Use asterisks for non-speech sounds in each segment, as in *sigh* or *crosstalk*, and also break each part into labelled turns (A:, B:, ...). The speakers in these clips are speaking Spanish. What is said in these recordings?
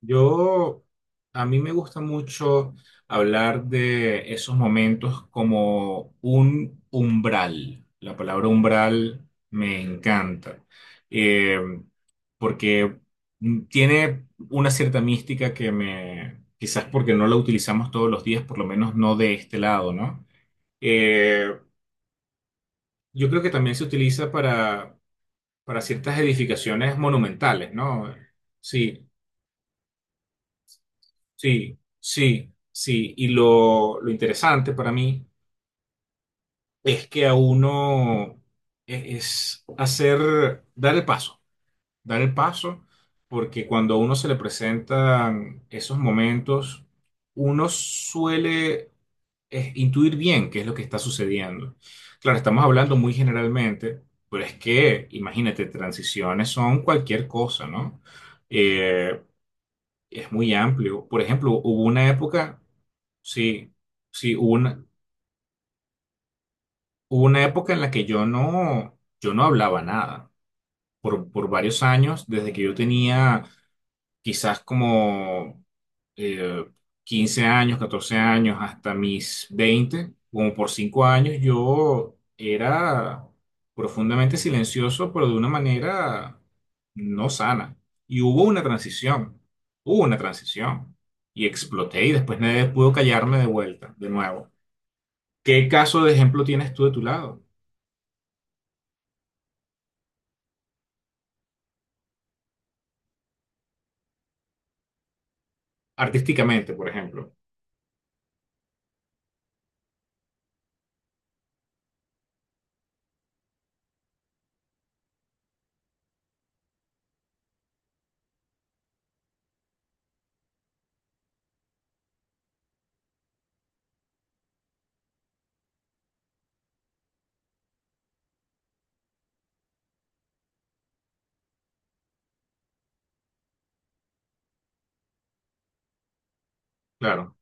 A: Yo, a mí me gusta mucho hablar de esos momentos como un umbral. La palabra umbral me encanta, eh, porque tiene una cierta mística que me, quizás porque no la utilizamos todos los días, por lo menos no de este lado, ¿no? Eh, yo creo que también se utiliza para ciertas edificaciones monumentales, ¿no? Sí. Sí, sí, sí. Y lo interesante para mí es que a uno es hacer, dar el paso, porque cuando a uno se le presentan esos momentos, uno suele intuir bien qué es lo que está sucediendo. Claro, estamos hablando muy generalmente, pero es que, imagínate, transiciones son cualquier cosa, ¿no? Eh, es muy amplio. Por ejemplo, hubo una época, sí, sí, hubo una época en la que yo no hablaba nada. Por varios años, desde que yo tenía quizás como eh, 15 años, 14 años, hasta mis 20 como por 5 años, yo era profundamente silencioso, pero de una manera no sana. Y hubo una transición. Y exploté y después nadie pudo callarme de vuelta, de nuevo. ¿Qué caso de ejemplo tienes tú de tu lado? Artísticamente, por ejemplo. Claro,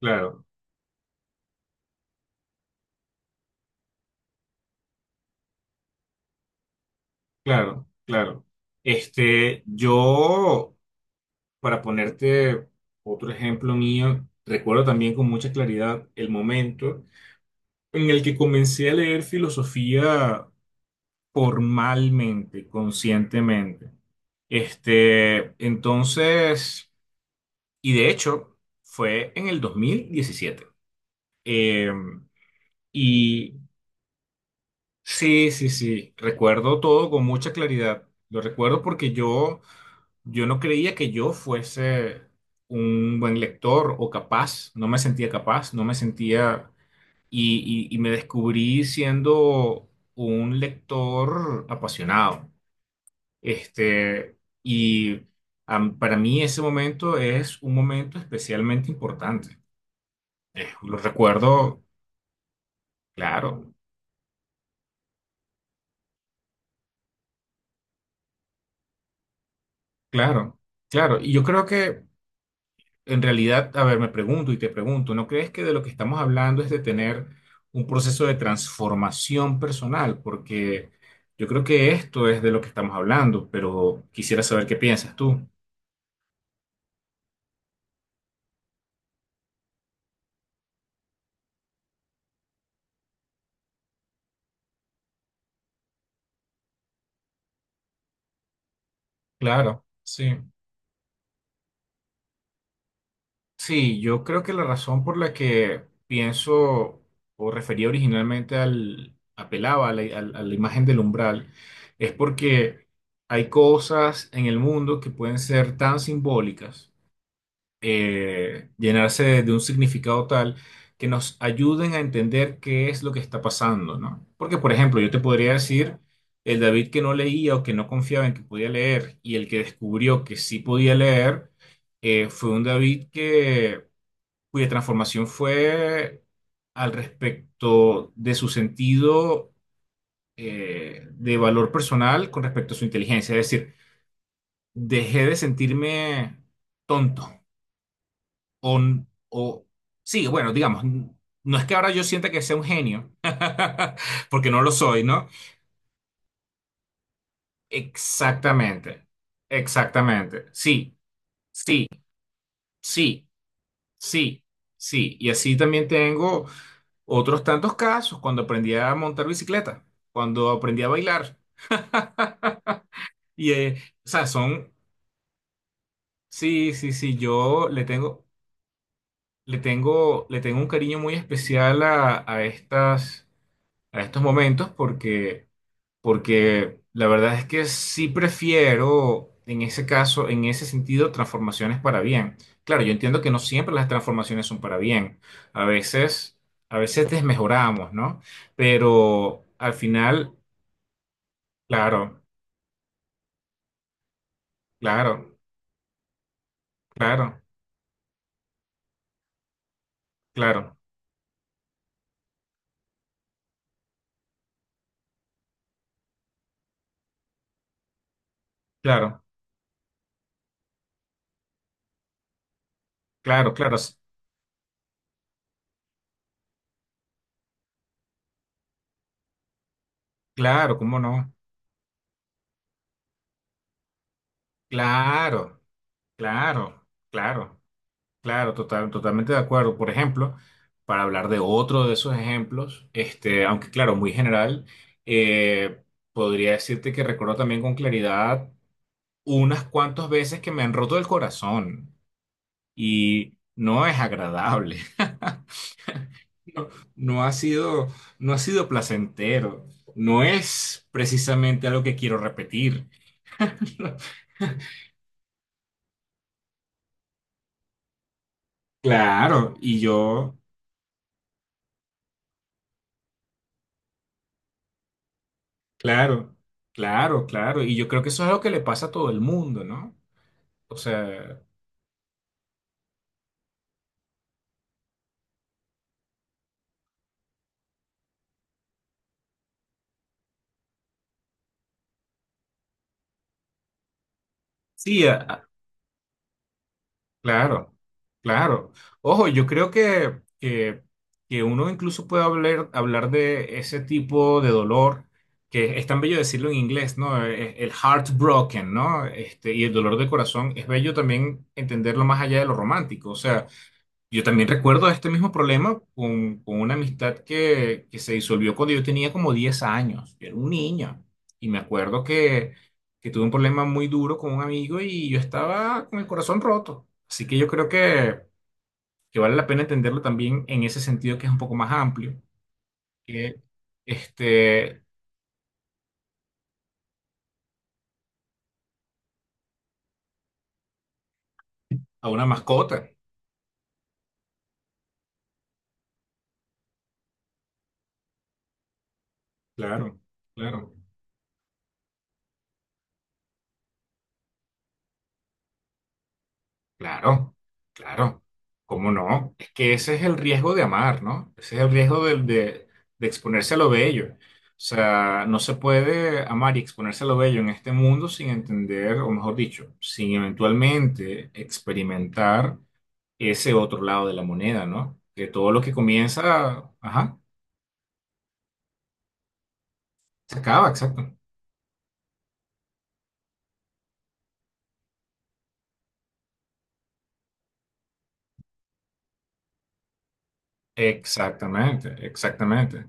A: claro, claro, claro. Este, yo Para ponerte otro ejemplo mío, recuerdo también con mucha claridad el momento en el que comencé a leer filosofía formalmente, conscientemente. Este, entonces, y de hecho, fue en el 2017. Eh, y sí, sí, sí, recuerdo todo con mucha claridad. Lo recuerdo porque yo no creía que yo fuese un buen lector o capaz, no me sentía capaz, no me sentía y, y me descubrí siendo un lector apasionado. Este, y para mí ese momento es un momento especialmente importante. Lo recuerdo, claro, claro, claro. Y yo creo que en realidad, a ver, me pregunto y te pregunto, ¿no crees que de lo que estamos hablando es de tener un proceso de transformación personal? Porque yo creo que esto es de lo que estamos hablando, pero quisiera saber qué piensas tú. Claro, sí. Sí, yo creo que la razón por la que pienso o refería originalmente al, apelaba a la, a la imagen del umbral, es porque hay cosas en el mundo que pueden ser tan simbólicas, llenarse de un significado tal que nos ayuden a entender qué es lo que está pasando, ¿no? Porque, por ejemplo, yo te podría decir, el David que no leía o que no confiaba en que podía leer y el que descubrió que sí podía leer, fue un David que, cuya transformación fue al respecto de su sentido, de valor personal con respecto a su inteligencia. Es decir, dejé de sentirme tonto o, o sí, bueno, digamos, no es que ahora yo sienta que sea un genio, *laughs* porque no lo soy, ¿no? Exactamente, exactamente. Sí, sí, sí, sí, sí. Y así también tengo otros tantos casos cuando aprendí a montar bicicleta, cuando aprendí a bailar. Y, o sea, son, sí, sí, sí, yo le tengo, le tengo, le tengo un cariño muy especial a estas, a estos momentos porque... porque la verdad es que sí prefiero, en ese caso, en ese sentido, transformaciones para bien. Claro, yo entiendo que no siempre las transformaciones son para bien. A veces, a veces desmejoramos, ¿no? Pero al final, claro, claro, claro, claro, claro, claro, claro, claro, ¿cómo no? Claro, claro, claro. Claro, total, totalmente de acuerdo. Por ejemplo, para hablar de otro de esos ejemplos, este, aunque claro, muy general, eh, podría decirte que recuerdo también con claridad unas cuantas veces que me han roto el corazón y no es agradable. *laughs* No, no ha sido, no ha sido placentero. No es precisamente algo que quiero repetir. *laughs* Claro, y yo claro, claro, claro. Y yo creo que eso es algo que le pasa a todo el mundo, ¿no? O sea, sí, claro, claro. Ojo, yo creo que uno incluso puede hablar de ese tipo de dolor, que es tan bello decirlo en inglés, ¿no? El heartbroken, ¿no? Este, y el dolor de corazón, es bello también entenderlo más allá de lo romántico. O sea, yo también recuerdo este mismo problema con una amistad que se disolvió cuando yo tenía como 10 años. Yo era un niño. Y me acuerdo que tuve un problema muy duro con un amigo y yo estaba con el corazón roto. Así que yo creo que vale la pena entenderlo también en ese sentido que es un poco más amplio que este, a una mascota. Claro, claro. Claro, claro. ¿Cómo no? Es que ese es el riesgo de amar, ¿no? Ese es el riesgo de, de exponerse a lo bello. O sea, no se puede amar y exponerse a lo bello en este mundo sin entender, o mejor dicho, sin eventualmente experimentar ese otro lado de la moneda, ¿no? Que todo lo que comienza, ajá, se acaba, exacto. Exactamente, exactamente.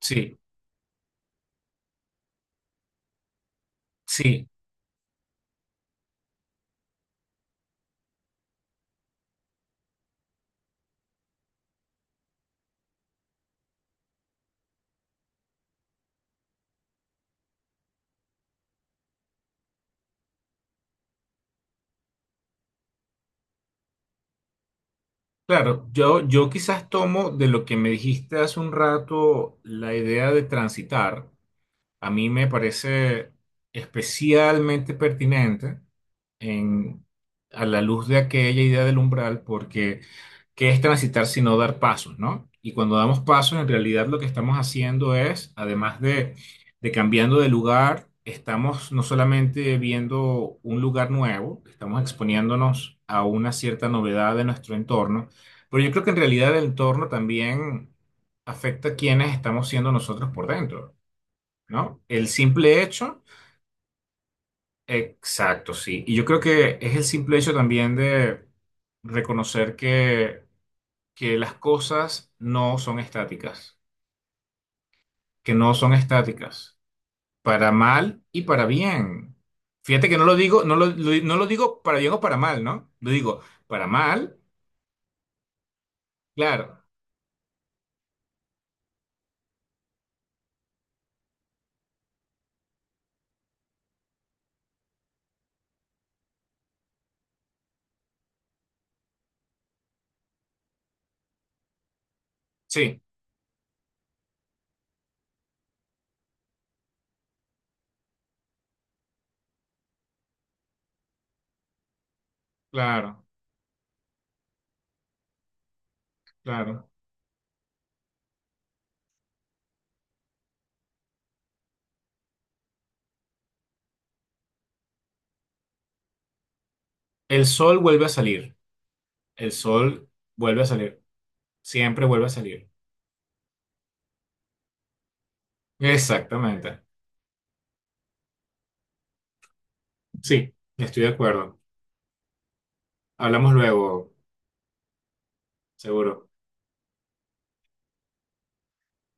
A: Sí, sí. Claro, yo quizás tomo de lo que me dijiste hace un rato la idea de transitar. A mí me parece especialmente pertinente en, a la luz de aquella idea del umbral, porque ¿qué es transitar sino dar pasos, ¿no? Y cuando damos pasos, en realidad lo que estamos haciendo es, además de cambiando de lugar, estamos no solamente viendo un lugar nuevo, estamos exponiéndonos a una cierta novedad de nuestro entorno, pero yo creo que en realidad el entorno también afecta a quienes estamos siendo nosotros por dentro, ¿no? El simple hecho, exacto, sí. Y yo creo que es el simple hecho también de reconocer que las cosas no son estáticas, que no son estáticas, para mal y para bien. Fíjate que no lo digo, no lo digo para bien o para mal, ¿no? Lo digo para mal, claro, sí, claro, claro. El sol vuelve a salir, el sol vuelve a salir, siempre vuelve a salir. Exactamente, sí, estoy de acuerdo. Hablamos luego, seguro.